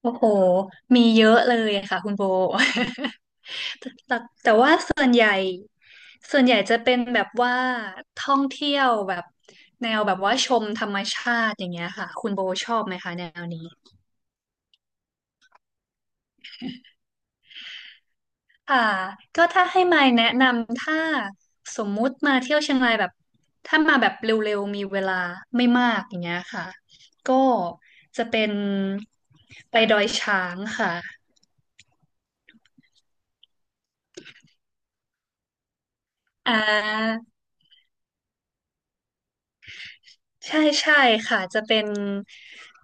โอ้โหมีเยอะเลยค่ะคุณโบ แต่แต่แต่ว่าส่วนใหญ่จะเป็นแบบว่าท่องเที่ยวแบบแนวแบบว่าชมธรรมชาติอย่างเงี้ยค่ะคุณโบชอบไหมคะแนวนี้ค่ะก็ถ้าให้มายแนะนำถ้าสมมุติมาเที่ยวเชียงรายแบบถ้ามาแบบเร็วๆมีเวลาไม่มากอย่างเงี้ยค่ะก็จะเป็นไปดอยช้างค่ะอ่า ใช่ใช่ค่ะจะเป็น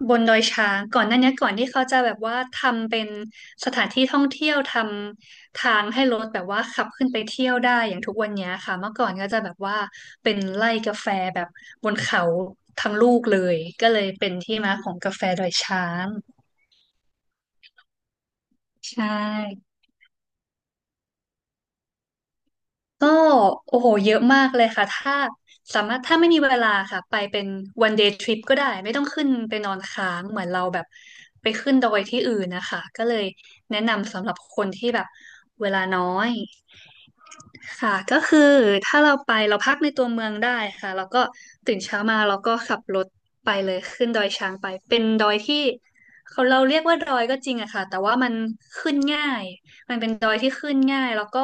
บนดอยช้างก่อนหน้านี้ก่อนที่เขาจะแบบว่าทำเป็นสถานที่ท่องเที่ยวทำทางให้รถแบบว่าขับขึ้นไปเที่ยวได้อย่างทุกวันเนี้ยค่ะเมื่อก่อนก็จะแบบว่าเป็นไร่กาแฟแบบบนเขาทั้งลูกเลยก็เลยเป็นที่มาของกาแฟดอยช้างใช่ ก็โอ้โหเยอะมากเลยค่ะถ้าสามารถถ้าไม่มีเวลาค่ะไปเป็น one day trip ก็ได้ไม่ต้องขึ้นไปนอนค้างเหมือนเราแบบไปขึ้นดอยที่อื่นนะคะก็เลยแนะนำสำหรับคนที่แบบเวลาน้อย ค่ะก็คือถ้าเราไปเราพักในตัวเมืองได้ค่ะแล้วก็ตื่นเช้ามาเราก็ขับรถไปเลยขึ้นดอยช้างไปเป็นดอยที่เขาเราเรียกว่าดอยก็จริงอะค่ะแต่ว่ามันขึ้นง่ายมันเป็นดอยที่ขึ้นง่ายแล้วก็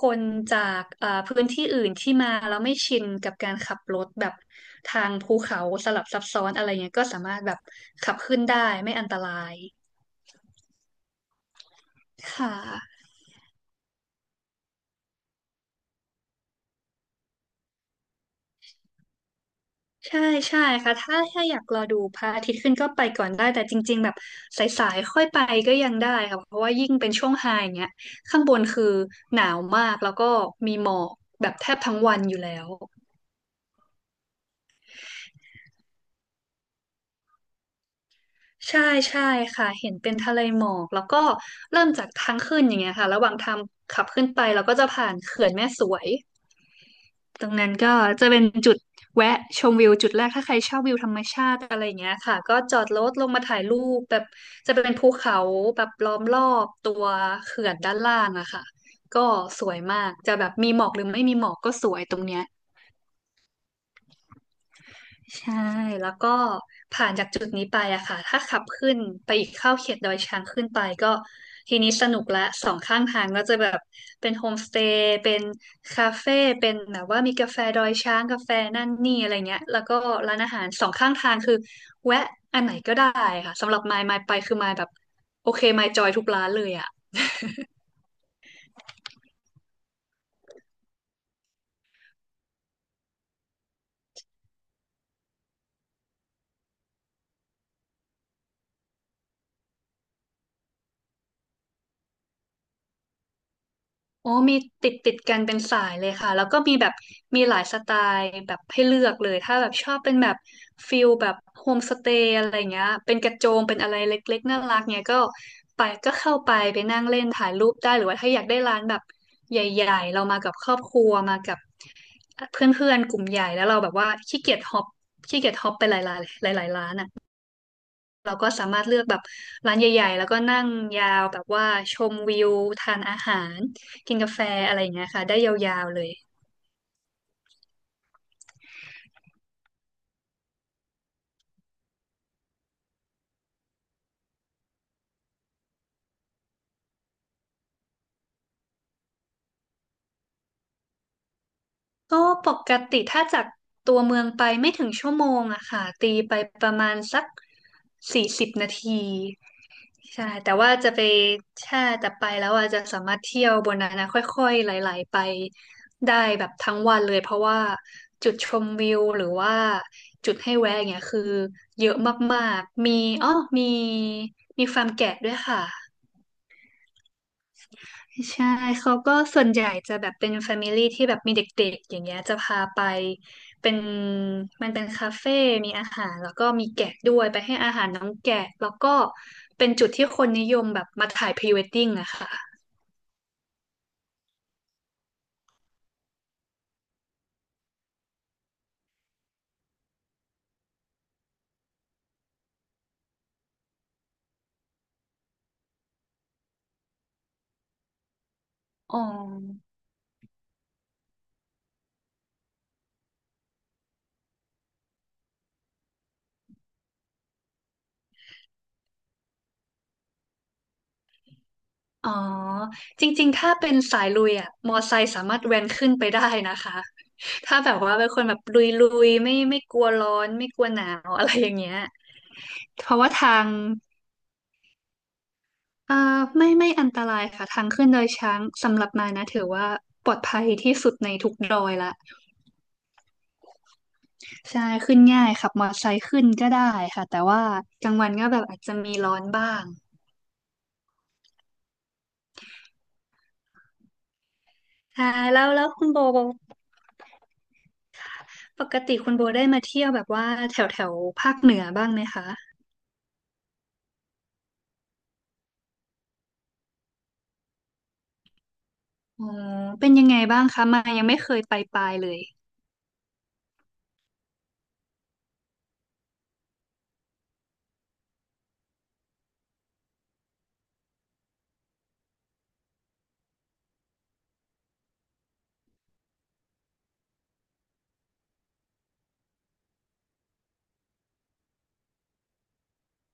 คนจากพื้นที่อื่นที่มาแล้วไม่ชินกับการขับรถแบบทางภูเขาสลับซับซ้อนอะไรเงี้ยก็สามารถแบบขับขึ้นได้ไม่อันตรายค่ะ ใช่ใช่ค่ะถ้าอยากรอดูพระอาทิตย์ขึ้นก็ไปก่อนได้แต่จริงๆแบบสายๆค่อยไปก็ยังได้ค่ะเพราะว่ายิ่งเป็นช่วงไฮเนี้ยข้างบนคือหนาวมากแล้วก็มีหมอกแบบแทบทั้งวันอยู่แล้วใช่ใช่ค่ะเห็นเป็นทะเลหมอกแล้วก็เริ่มจากทางขึ้นอย่างเงี้ยค่ะระหว่างทางขับขึ้นไปเราก็จะผ่านเขื่อนแม่สวย ตรงนั้นก็จะเป็นจุดแวะชมวิวจุดแรกถ้าใครชอบวิวธรรมชาติอะไรอย่างเงี้ยค่ะก็จอดรถลงมาถ่ายรูปแบบจะเป็นภูเขาแบบล้อมรอบตัวเขื่อนด้านล่างอะค่ะก็สวยมากจะแบบมีหมอกหรือไม่มีหมอกก็สวยตรงเนี้ย ใช่แล้วก็ผ่านจากจุดนี้ไปอะค่ะถ้าขับขึ้นไปอีกเข้าเขตดอยช้างขึ้นไปก็ทีนี้สนุกละสองข้างทางก็จะแบบเป็นโฮมสเตย์เป็นคาเฟ่เป็นแบบว่ามีกาแฟดอยช้างกาแฟนั่นนี่อะไรเงี้ยแล้วก็ร้านอาหารสองข้างทางคือแวะอันไหนก็ได้ค่ะสำหรับมายไปคือมายแบบโอเคมายจอยทุกร้านเลยอะ โอ้มีติดกันเป็นสายเลยค่ะแล้วก็มีแบบมีหลายสไตล์แบบให้เลือกเลยถ้าแบบชอบเป็นแบบฟิลแบบโฮมสเตย์อะไรเงี้ยเป็นกระโจมเป็นอะไรเล็กๆน่ารักเงี้ยก็ไปก็เข้าไปนั่งเล่นถ่ายรูปได้หรือว่าถ้าอยากได้ร้านแบบใหญ่ๆเรามากับครอบครัวมากับเพื่อนๆกลุ่มใหญ่แล้วเราแบบว่าขี้เกียจฮอปไปหลายๆหลายๆร้านอ่ะ เราก็สามารถเลือกแบบร้านใหญ่ๆ แล้วก็นั่งยาวแบบว่าชมวิวทานอาหารกินกาแฟอะไรอย่างเงี้ยค่ะได้ยาวๆเลยก็ปกติถ้าจากตัวเมืองไปไม่ถึงชั่วโมงอะค่ะตีไปประมาณสัก40 นาที ใช่แต่ว่าจะไปแช่แต่ไปแล้วอาจจะสามารถเที่ยวบนนั้นนะค่อยๆไหลๆไปได้แบบทั้งวันเลย เพราะว่าจุดชมวิวหรือว่าจุดให้แวะอย่างเงี้ยคือเยอะมากๆ มีอ๋อมีมีฟาร์มแกะด้วยค่ะ ใช่เขาก็ส่วนใหญ่จะแบบเป็นแฟมิลี่ที่แบบมีเด็กๆอย่างเงี้ยจะพาไปเป็นมันเป็นคาเฟ่มีอาหารแล้วก็มีแกะด้วยไปให้อาหารน้องแกะแล้วก็เป็นจุดที่คนนิยมแบบมาถ่ายพรีเวดดิ้งอะค่ะอ๋ออ๋อจริงๆถ้าเป็นสายลุยอะมอไซค์สามารถแว้นขึ้นไปได้นะคะถ้าแบบว่าเป็นคนแบบลุยๆไม่กลัวร้อนไม่กลัวหนาวอะไรอย่างเงี้ยเพราะว่าทาง เอ่อไม่อันตรายค่ะทางขึ้นดอยช้างสำหรับมานะถือว่าปลอดภัยที่สุดในทุกดอยละใช่ขึ้นง่ายขับมอเตอร์ไซค์ขึ้นก็ได้ค่ะแต่ว่ากลางวันก็แบบอาจจะมีร้อนบ้างค่ะแล้วคุณโบปกติคุณโบได้มาเที่ยวแบบว่าแถวแถวภาคเหนือบ้างไหมคะอ๋อเป็นยังไงบ้างคะมายยังไม่เคยไปปลายเลย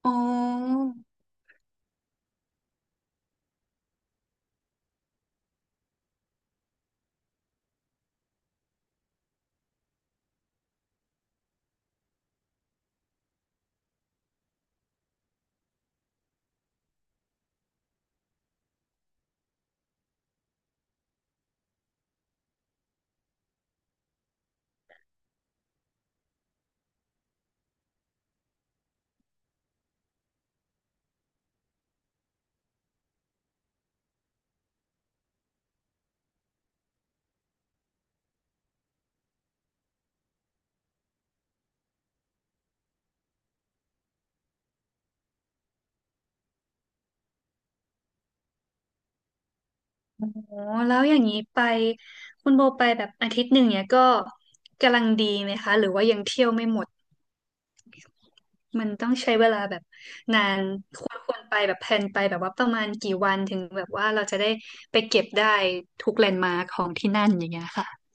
อ๋ออ๋อแล้วอย่างนี้ไปคุณโบไปแบบอาทิตย์หนึ่งเนี่ยก็กำลังดีไหมคะหรือว่ายังเที่ยวไม่หมด มันต้องใช้เวลาแบบนานควรไปแบบแพลนไปแบบว่าประมาณกี่วันถึงแบบว่าเราจะได้ไปเก็บได้ทุกแลนด์มาร์คของที่นั่นอย่างเงี้ยค่ะ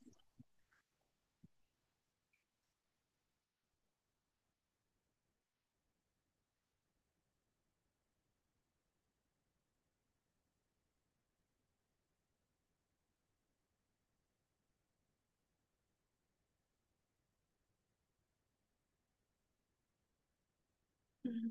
อืม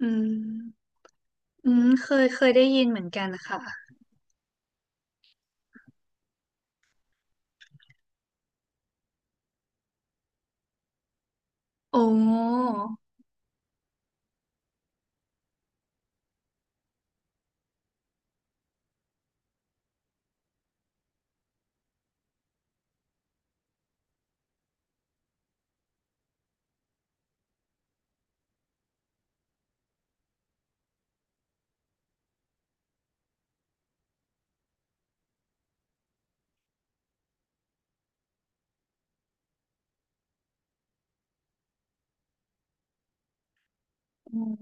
อืมอืมเคยได้ยินเหมือนกันนะคะโอ้อืม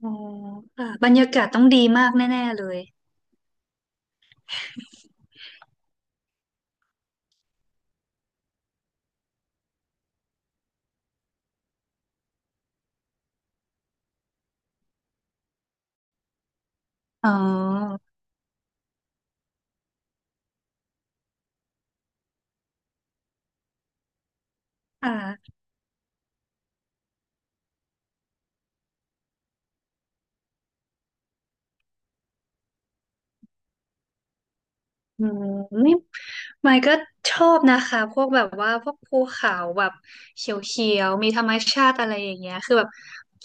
อ๋อค่ะบรรยากาศต้องดีมากแน่ๆเลยอ๋อค่ะ อืมนี่ไมค์ก็ชอบนะคะพวกแบบว่าพวกภูเขาแบบเขียวๆมีธรรมชาติอะไรอย่างเงี้ยคือแบบ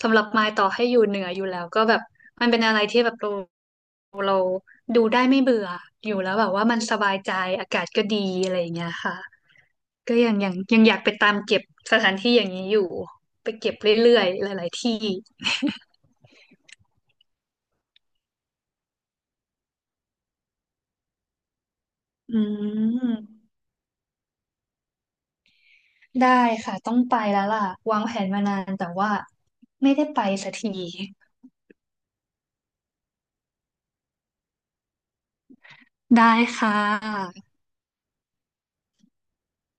สำหรับไมค์ต่อให้อยู่เหนืออยู่แล้วก็แบบมันเป็นอะไรที่แบบเราดูได้ไม่เบื่ออยู่แล้วแบบว่ามันสบายใจอากาศก็ดีอะไรอย่างเงี้ยค่ะก็ยังอยากไปตามเก็บสถานที่อย่างนี้อยู่ไปเก็บเรื่อยๆหลายๆที่อืมได้ค่ะต้องไปแล้วล่ะวางแผนมานานแต่ว่าไม่ได้ไปสักที ได้ค่ะ